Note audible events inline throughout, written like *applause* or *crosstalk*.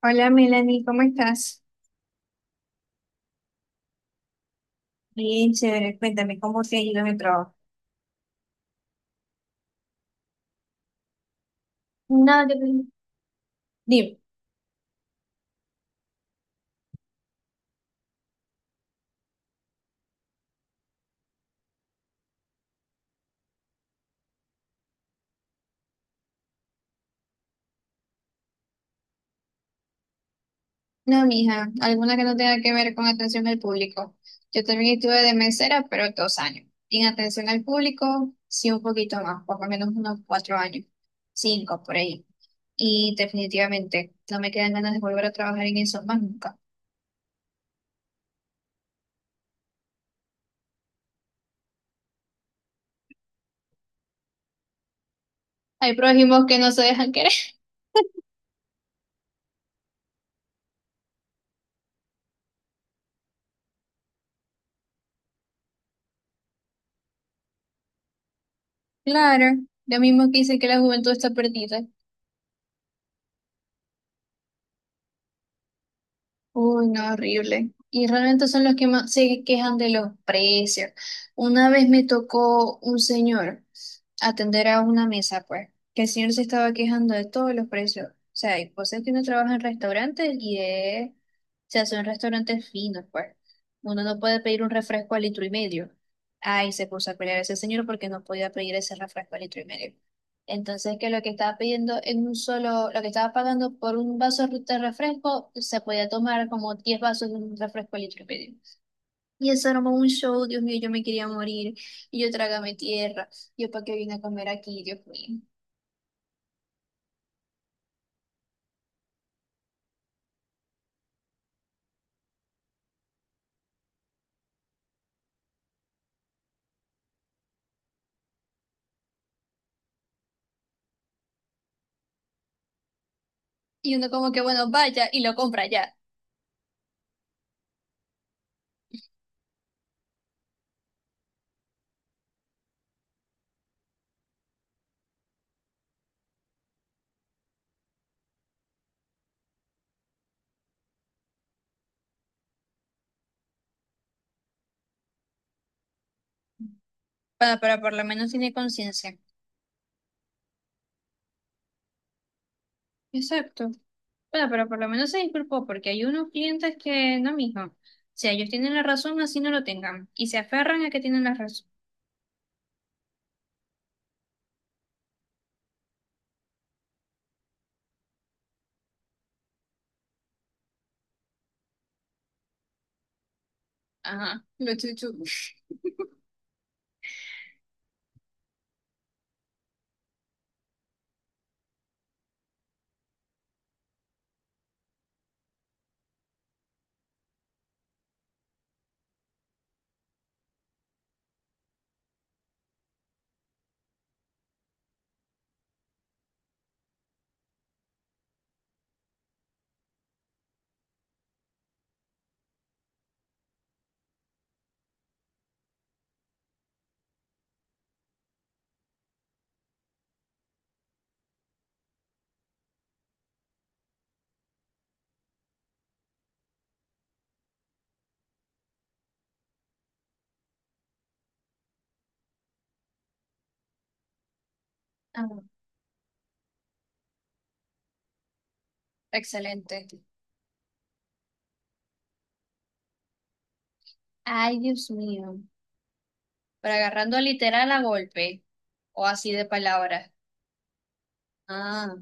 Hola Melanie, ¿cómo estás? Bien, chévere. Cuéntame, ¿cómo te ha ido en el trabajo? No, yo dime. No, mija, alguna que no tenga que ver con atención al público. Yo también estuve de mesera, pero 2 años. Y en atención al público, sí, un poquito más, por lo menos unos 4 años, cinco por ahí. Y definitivamente no me quedan ganas de volver a trabajar en eso más nunca. Hay prójimos que no se dejan querer. Claro, lo mismo que dicen que la juventud está perdida. Uy, no, horrible. Y realmente son los que más se quejan de los precios. Una vez me tocó un señor atender a una mesa, pues, que el señor se estaba quejando de todos los precios. O sea, y vos es que uno trabaja en restaurantes y es, o sea son restaurantes finos pues. Uno no puede pedir un refresco a litro y medio. Ay, se puso a pelear ese señor porque no podía pedir ese refresco a litro y medio. Entonces, que lo que estaba pidiendo en un solo, lo que estaba pagando por un vaso de refresco, se podía tomar como 10 vasos de un refresco litro y medio. Y eso armó un show, Dios mío, yo me quería morir. Y yo trágame tierra. Yo, ¿para qué vine a comer aquí, Dios mío? Y uno como que, bueno, vaya y lo compra ya. Bueno, pero por lo menos tiene conciencia. Exacto. Bueno, pero por lo menos se disculpó porque hay unos clientes que no, mijo. O sea, ellos tienen la razón, así no lo tengan. Y se aferran a que tienen la razón. Ajá, lo chuchu. Ah, excelente. Ay, Dios mío. Pero agarrando literal a golpe o así de palabras. Ah,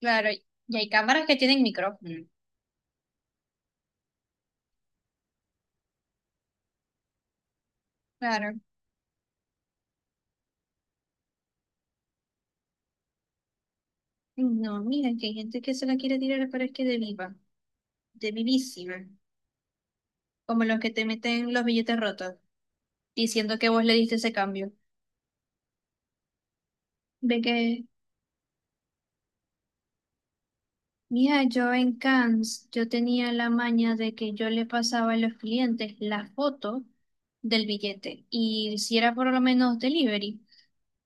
claro. Y hay cámaras que tienen micrófono. Claro. Ay, no, miren que hay gente que se la quiere tirar, pero es que de viva, de vivísima. Como los que te meten los billetes rotos, diciendo que vos le diste ese cambio. De que, mira, yo en Cannes, yo tenía la maña de que yo le pasaba a los clientes la foto del billete. Y si era por lo menos delivery.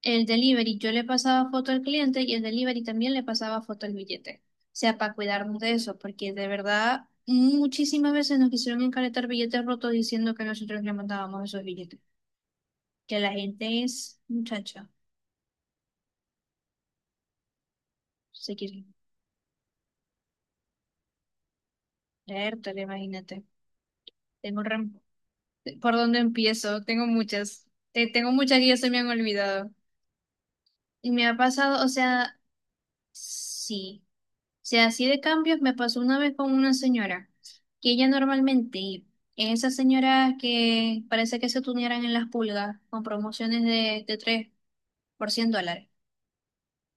El delivery, yo le pasaba foto al cliente y el delivery también le pasaba foto al billete. O sea, para cuidarnos de eso, porque de verdad muchísimas veces nos quisieron encaretar billetes rotos diciendo que nosotros le mandábamos esos billetes. Que la gente es, muchacha, se quiere leértelo, imagínate. Tengo un ¿Por dónde empiezo? Tengo muchas. Tengo muchas que ya se me han olvidado. Y me ha pasado, o sea, sí. Sea, así de cambios me pasó una vez con una señora, que ella normalmente, esas señoras que parece que se tunearan en las pulgas con promociones de 3 por $100,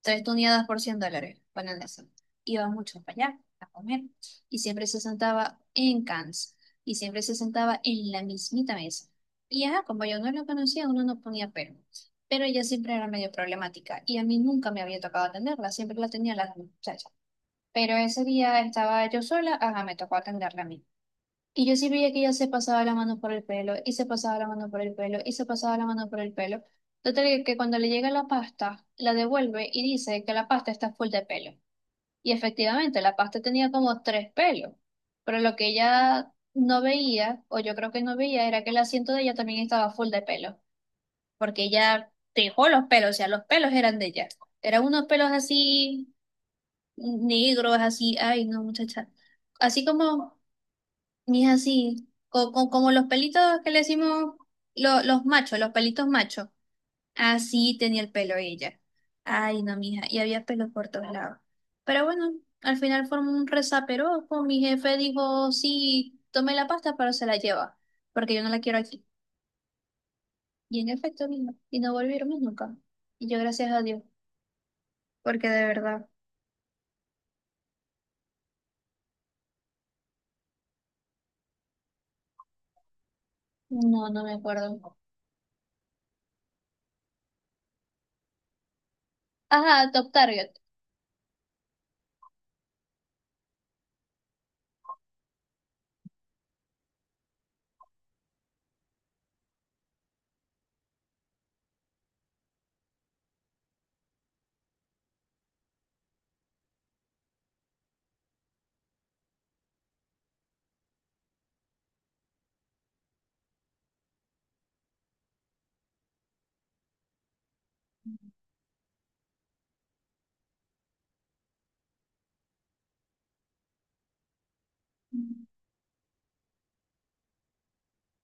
3 tuneadas por $100, ponen eso. Iba mucho para allá a comer y siempre se sentaba en cans y siempre se sentaba en la mismita mesa. Y ajá, como yo no lo conocía, uno no ponía pero. Pero ella siempre era medio problemática y a mí nunca me había tocado atenderla, siempre la tenía la muchacha. Pero ese día estaba yo sola, ajá, me tocó atenderla a mí. Y yo sí veía que ella se pasaba la mano por el pelo, y se pasaba la mano por el pelo, y se pasaba la mano por el pelo. Total que cuando le llega la pasta, la devuelve y dice que la pasta está full de pelo. Y efectivamente, la pasta tenía como tres pelos. Pero lo que ella no veía, o yo creo que no veía, era que el asiento de ella también estaba full de pelo. Porque ella dejó los pelos, o sea, los pelos eran de ella. Eran unos pelos así negros, así, ay, no, muchacha. Así como, ni es así, como los pelitos que le decimos los machos, los pelitos machos. Así tenía el pelo ella. Ay, no, mija, y había pelo por todos lados. Pero bueno, al final formó un resaperoco. Mi jefe dijo, sí, tome la pasta, pero se la lleva, porque yo no la quiero aquí. Y en efecto vino, y no volvieron más nunca. Y yo gracias a Dios, porque de verdad, no, no me acuerdo. Ajá, Top Target.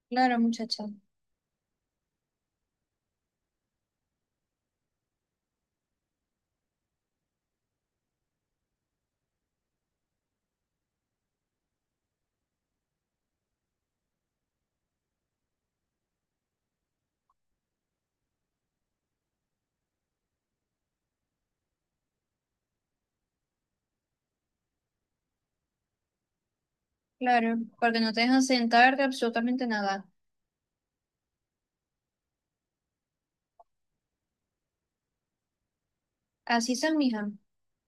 Claro, muchacha. Claro, porque no te dejan sentarte absolutamente nada. Así se mijan.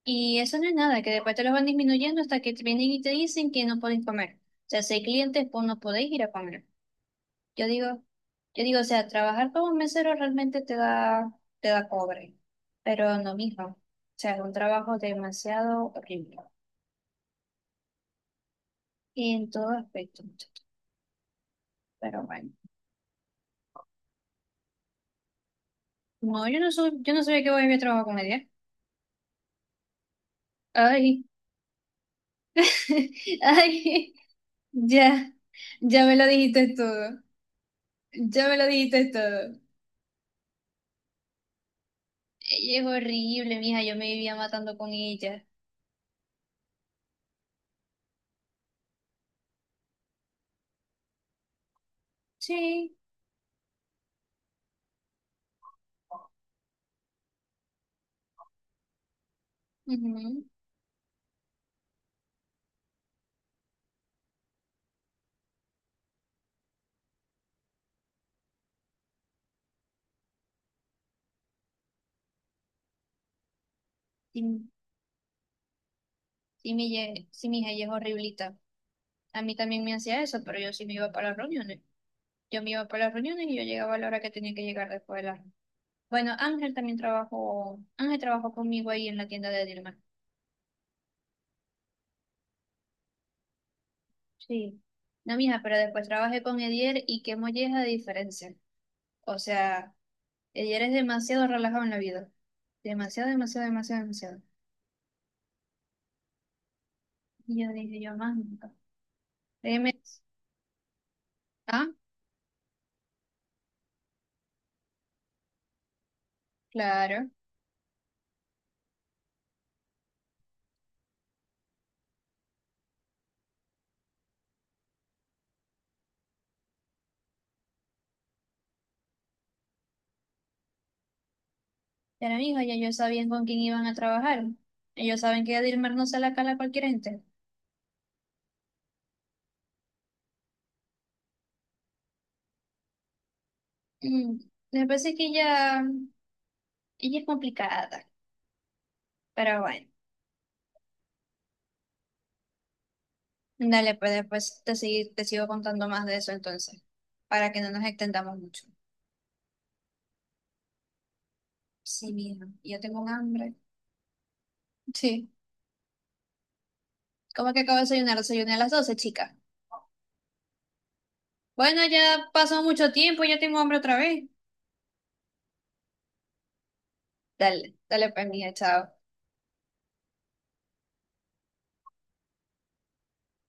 Y eso no es nada, que después te los van disminuyendo hasta que te vienen y te dicen que no podéis comer. O sea, si hay clientes, pues no podéis ir a comer. Yo digo, yo digo, o sea, trabajar como mesero realmente te da cobre. Pero no, mijo. O sea, es un trabajo demasiado horrible. En todo aspecto, muchacho. Pero bueno. No, yo no soy, yo no sabía que voy a ir a trabajar con ella. Ay, *laughs* ay, ya, ya me lo dijiste todo. Ya me lo dijiste todo. Ella es horrible, mija, yo me vivía matando con ella. Sí. Ujú. Sí, sí, sí, mija, ella es horriblita. A mí también me hacía eso, pero yo sí me iba para las reuniones. Yo me iba para las reuniones y yo llegaba a la hora que tenía que llegar después de la... Bueno, Ángel también trabajó, Ángel trabajó conmigo ahí en la tienda de Dilma. Sí. No, mija, pero después trabajé con Edier y qué molleja de diferencia. O sea, Edier es demasiado relajado en la vida. Demasiado, demasiado, demasiado, demasiado. Y yo dije, yo más nunca. Créeme. Ah, claro. Ya la misma, ya ellos sabían con quién iban a trabajar. Ellos saben que Dilmer no se la cala a cualquier gente. Mm, me parece que ella es complicada, pero bueno. Dale, pues después te, te sigo contando más de eso entonces, para que no nos extendamos mucho. Sí, mira, yo tengo un hambre. Sí, ¿cómo que acabo de desayunar? Desayuné a las 12, chica. Bueno, ya pasó mucho tiempo, ya tengo hambre otra vez. Dale, dale pues, mija, chao.